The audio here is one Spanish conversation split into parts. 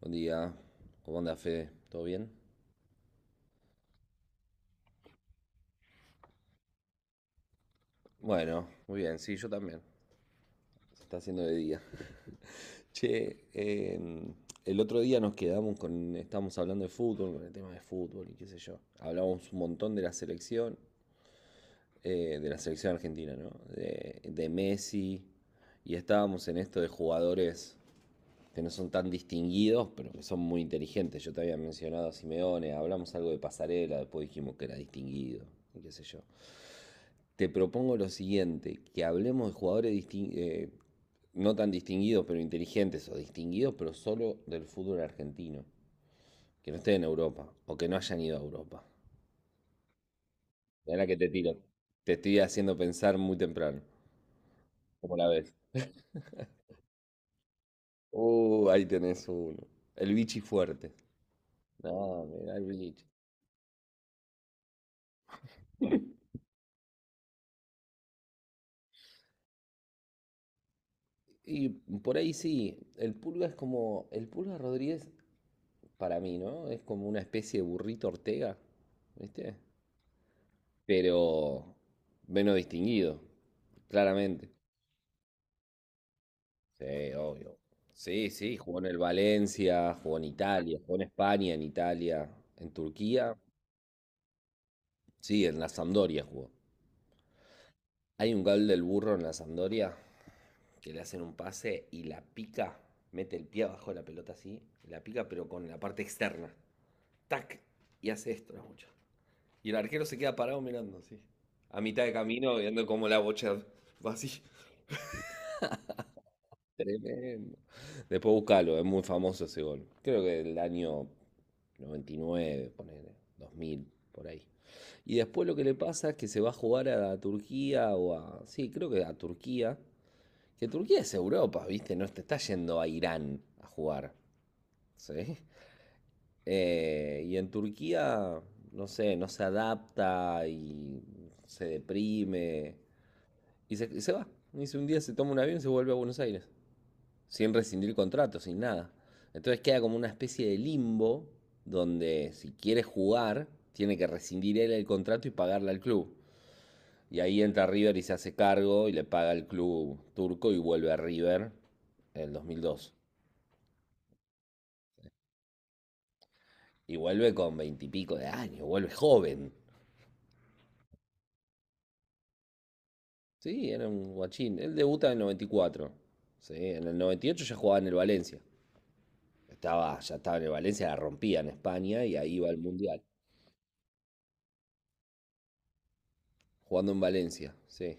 Buen día. ¿Cómo anda, Fede? ¿Todo bien? Bueno, muy bien, sí, yo también. Se está haciendo de día. Che, el otro día nos quedamos con. Estábamos hablando de fútbol, con el tema de fútbol y qué sé yo. Hablábamos un montón de la selección argentina, ¿no? De Messi. Y estábamos en esto de jugadores que no son tan distinguidos, pero que son muy inteligentes. Yo te había mencionado a Simeone, hablamos algo de pasarela, después dijimos que era distinguido, y qué sé yo. Te propongo lo siguiente, que hablemos de jugadores no tan distinguidos, pero inteligentes, o distinguidos, pero solo del fútbol argentino, que no estén en Europa, o que no hayan ido a Europa. Mirá la que te tiro. Te estoy haciendo pensar muy temprano. ¿Cómo la ves? Ahí tenés uno. El bichi fuerte. No, mirá el bichi. Y por ahí sí, el Pulga es como, el Pulga Rodríguez, para mí, ¿no? Es como una especie de burrito Ortega, ¿viste? Pero menos distinguido, claramente. Sí, obvio. Sí, sí, jugó en el Valencia, jugó en Italia, jugó en España, en Italia, en Turquía. Sí, en la Sampdoria jugó. Hay un gol del burro en la Sampdoria que le hacen un pase y la pica, mete el pie abajo de la pelota así, la pica pero con la parte externa. Tac, y hace esto, la bocha. Y el arquero se queda parado mirando así. A mitad de camino, viendo cómo la bocha va así. Tremendo. Después buscalo, es muy famoso ese gol. Creo que del año 99, ponele, 2000, por ahí. Y después lo que le pasa es que se va a jugar a Turquía o a... Sí, creo que a Turquía. Que Turquía es Europa, ¿viste? No te está yendo a Irán a jugar. ¿Sí? Y en Turquía, no sé, no se adapta y se deprime. Y se va. Un día se toma un avión y se vuelve a Buenos Aires sin rescindir contrato, sin nada. Entonces queda como una especie de limbo donde si quiere jugar, tiene que rescindir él el contrato y pagarle al club. Y ahí entra River y se hace cargo y le paga al club turco y vuelve a River en el 2002. Y vuelve con veintipico de años, vuelve joven. Sí, era un guachín. Él debuta en el 94. Sí, en el 98 ya jugaba en el Valencia. Estaba, ya estaba en el Valencia, la rompía en España y ahí iba al Mundial. Jugando en Valencia, sí.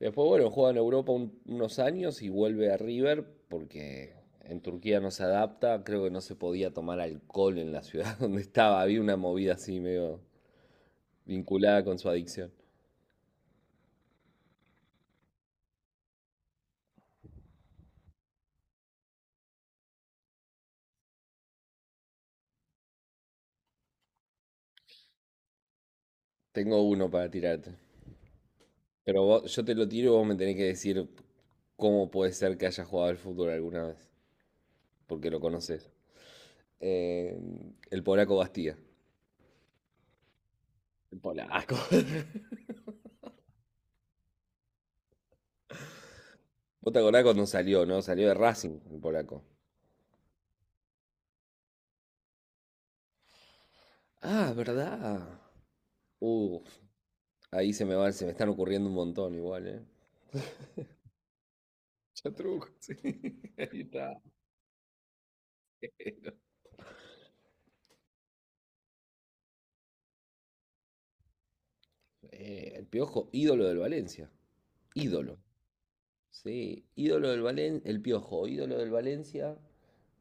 Después, bueno, juega en Europa unos años y vuelve a River porque en Turquía no se adapta. Creo que no se podía tomar alcohol en la ciudad donde estaba. Había una movida así medio vinculada con su adicción. Tengo uno para tirarte. Pero yo te lo tiro y vos me tenés que decir cómo puede ser que haya jugado al fútbol alguna vez. Porque lo conoces. Eh, el polaco Bastía. El polaco. Vos te acordás cuando salió, ¿no? Salió de Racing, el polaco. Ah, ¿verdad? Uh, Ahí se me va, se me están ocurriendo un montón igual, ¿eh? Chatruco, sí. Ahí está. El Piojo, ídolo del Valencia. Ídolo. Sí, ídolo del Valencia. El Piojo, ídolo del Valencia.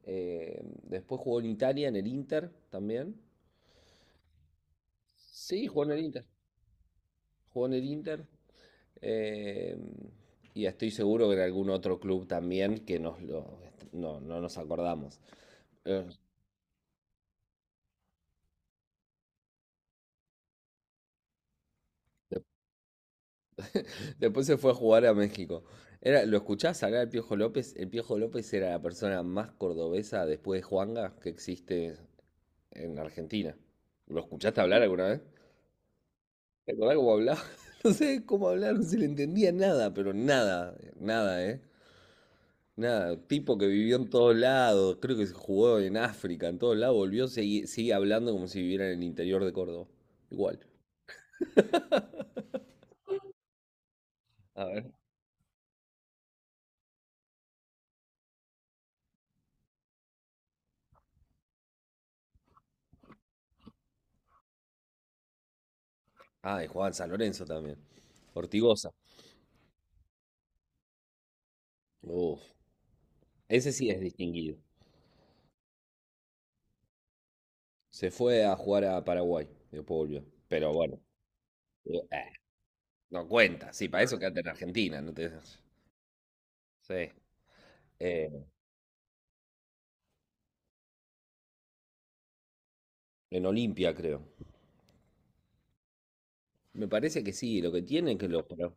Después jugó en Italia, en el Inter también. Sí, jugó en el Inter. Jugó en el Inter. Eh, y estoy seguro que en algún otro club también que nos lo- no, no nos acordamos. Eh, Después se fue a jugar a México. Era, ¿lo escuchás hablar del Piojo López? El Piojo López era la persona más cordobesa después de Juanga que existe en Argentina. ¿Lo escuchaste hablar alguna vez? ¿Te acordás cómo hablaba? No sé cómo hablar, no se le entendía nada, pero nada, nada, ¿eh? Nada, tipo que vivió en todos lados, creo que se jugó en África, en todos lados, volvió, sigue, sigue hablando como si viviera en el interior de Córdoba. Igual. A ver. Ah, y jugaba en San Lorenzo también. Ortigosa. Uf, ese sí es distinguido. Se fue a jugar a Paraguay y después volvió. Pero bueno, "Eh, no cuenta. Sí, para eso quédate en Argentina. No te... Sí. Eh, en Olimpia, creo. Me parece que sí, lo que tiene es que los...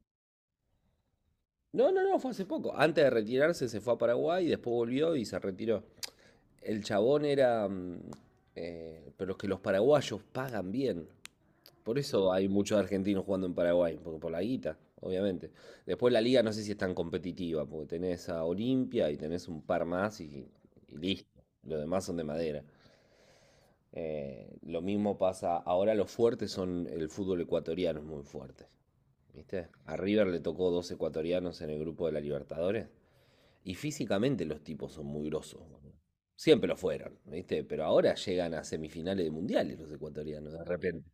No, no, no, fue hace poco. Antes de retirarse se fue a Paraguay y después volvió y se retiró. El chabón era... mm, pero es que los paraguayos pagan bien. Por eso hay muchos argentinos jugando en Paraguay, porque por la guita, obviamente. Después la liga no sé si es tan competitiva, porque tenés a Olimpia y tenés un par más y listo. Los demás son de madera. Lo mismo pasa, ahora los fuertes son el fútbol ecuatoriano, es muy fuerte. ¿Viste? A River le tocó dos ecuatorianos en el grupo de la Libertadores. Y físicamente los tipos son muy grosos, boludo. Siempre lo fueron, ¿viste? Pero ahora llegan a semifinales de mundiales los ecuatorianos, de repente.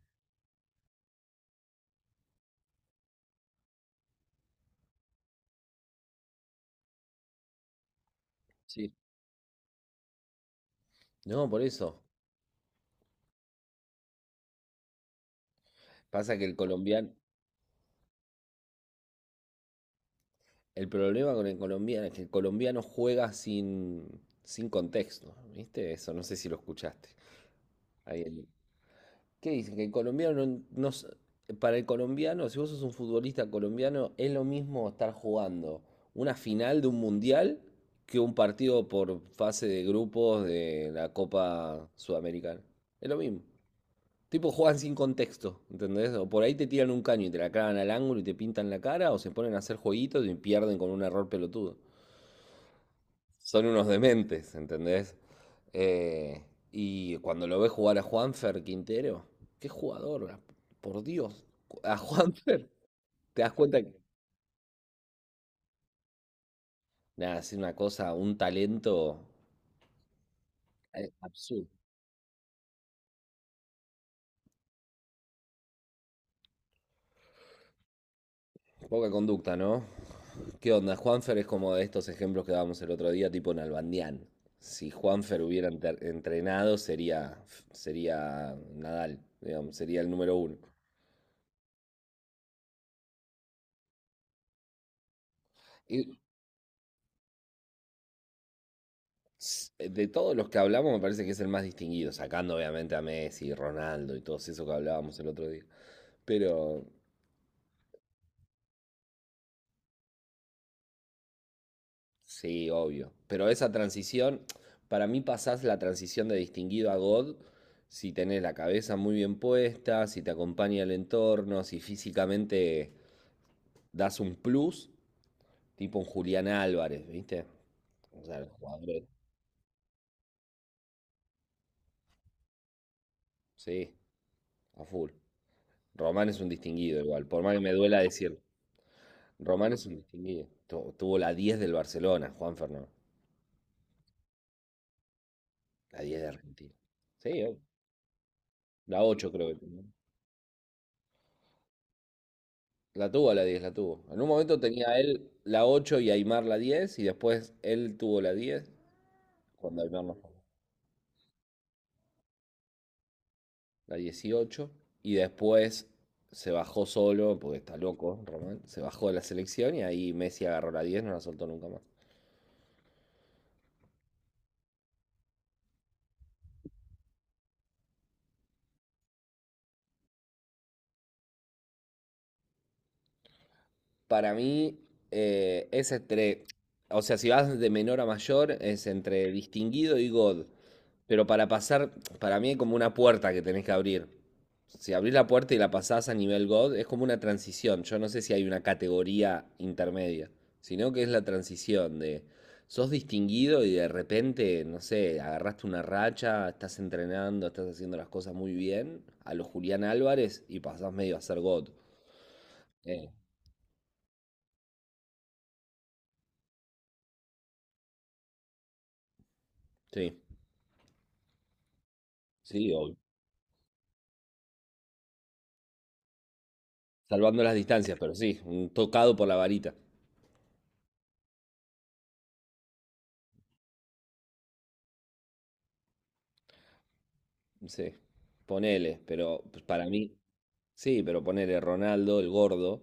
Sí. No, por eso. Pasa que el colombiano, el problema con el colombiano es que el colombiano juega sin, sin contexto, ¿viste? Eso no sé si lo escuchaste. Ahí el- ¿Qué dicen? Que el colombiano no, no s- para el colombiano, si vos sos un futbolista colombiano, es lo mismo estar jugando una final de un mundial que un partido por fase de grupos de la Copa Sudamericana. Es lo mismo. Tipo juegan sin contexto, ¿entendés? O por ahí te tiran un caño y te la clavan al ángulo y te pintan la cara, o se ponen a hacer jueguitos y pierden con un error pelotudo. Son unos dementes, ¿entendés? Eh, y cuando lo ves jugar a Juanfer Quintero, qué jugador, por Dios, a Juanfer, te das cuenta que nada, es una cosa, un talento absurdo. Poca conducta, ¿no? ¿Qué onda? Juanfer es como de estos ejemplos que dábamos el otro día, tipo Nalbandián. Si Juanfer hubiera entrenado, sería Nadal, digamos, sería el número uno. Y de todos los que hablamos, me parece que es el más distinguido, sacando obviamente a Messi, Ronaldo y todos esos que hablábamos el otro día. Pero sí, obvio. Pero esa transición, para mí pasás la transición de distinguido a God si tenés la cabeza muy bien puesta, si te acompaña el entorno, si físicamente das un plus, tipo un Julián Álvarez, ¿viste? O sea, los jugadores, sí, a full. Román es un distinguido igual, por más que me duela decirlo. Román es un distinguido. Tuvo la 10 del Barcelona, Juan Fernando. La 10 de Argentina. Sí, obvio. La 8 creo que. La tuvo la 10 la tuvo. En un momento tenía él la 8 y Aymar la 10 y después él tuvo la 10 cuando Aymar no fue, la 18 y después se bajó solo, porque está loco, Román, se bajó de la selección y ahí Messi agarró la 10 no la soltó nunca más. Para mí es entre, o sea, si vas de menor a mayor, es entre distinguido y God. Pero para pasar, para mí es como una puerta que tenés que abrir. Si abrís la puerta y la pasás a nivel God, es como una transición. Yo no sé si hay una categoría intermedia, sino que es la transición de sos distinguido y de repente, no sé, agarraste una racha, estás entrenando, estás haciendo las cosas muy bien, a lo Julián Álvarez y pasás medio a ser God. Eh, sí, sí, obvio. Salvando las distancias, pero sí, un tocado por la varita. Sí, ponele, pero pues, para mí, sí, pero ponele Ronaldo, el gordo,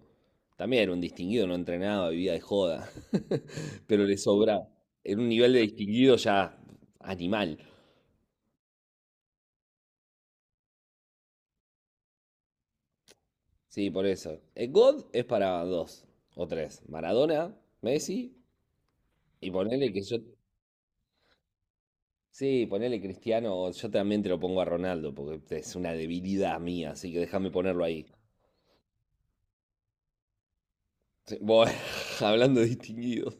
también era un distinguido, no entrenaba, vivía de joda, pero le sobraba. Era un nivel de distinguido ya animal. Sí, por eso. El God es para dos o tres. Maradona, Messi, y ponele que yo. Sí, ponele Cristiano, o yo también te lo pongo a Ronaldo, porque es una debilidad mía, así que déjame ponerlo ahí. Sí, bueno, hablando de distinguidos.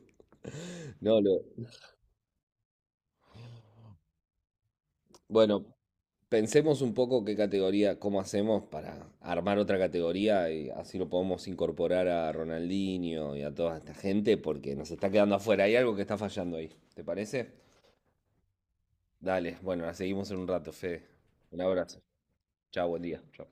No, bueno, pensemos un poco qué categoría, cómo hacemos para armar otra categoría y así lo podemos incorporar a Ronaldinho y a toda esta gente porque nos está quedando afuera. Hay algo que está fallando ahí, ¿te parece? Dale, bueno, la seguimos en un rato, Fede. Un abrazo. Chao, buen día. Chao.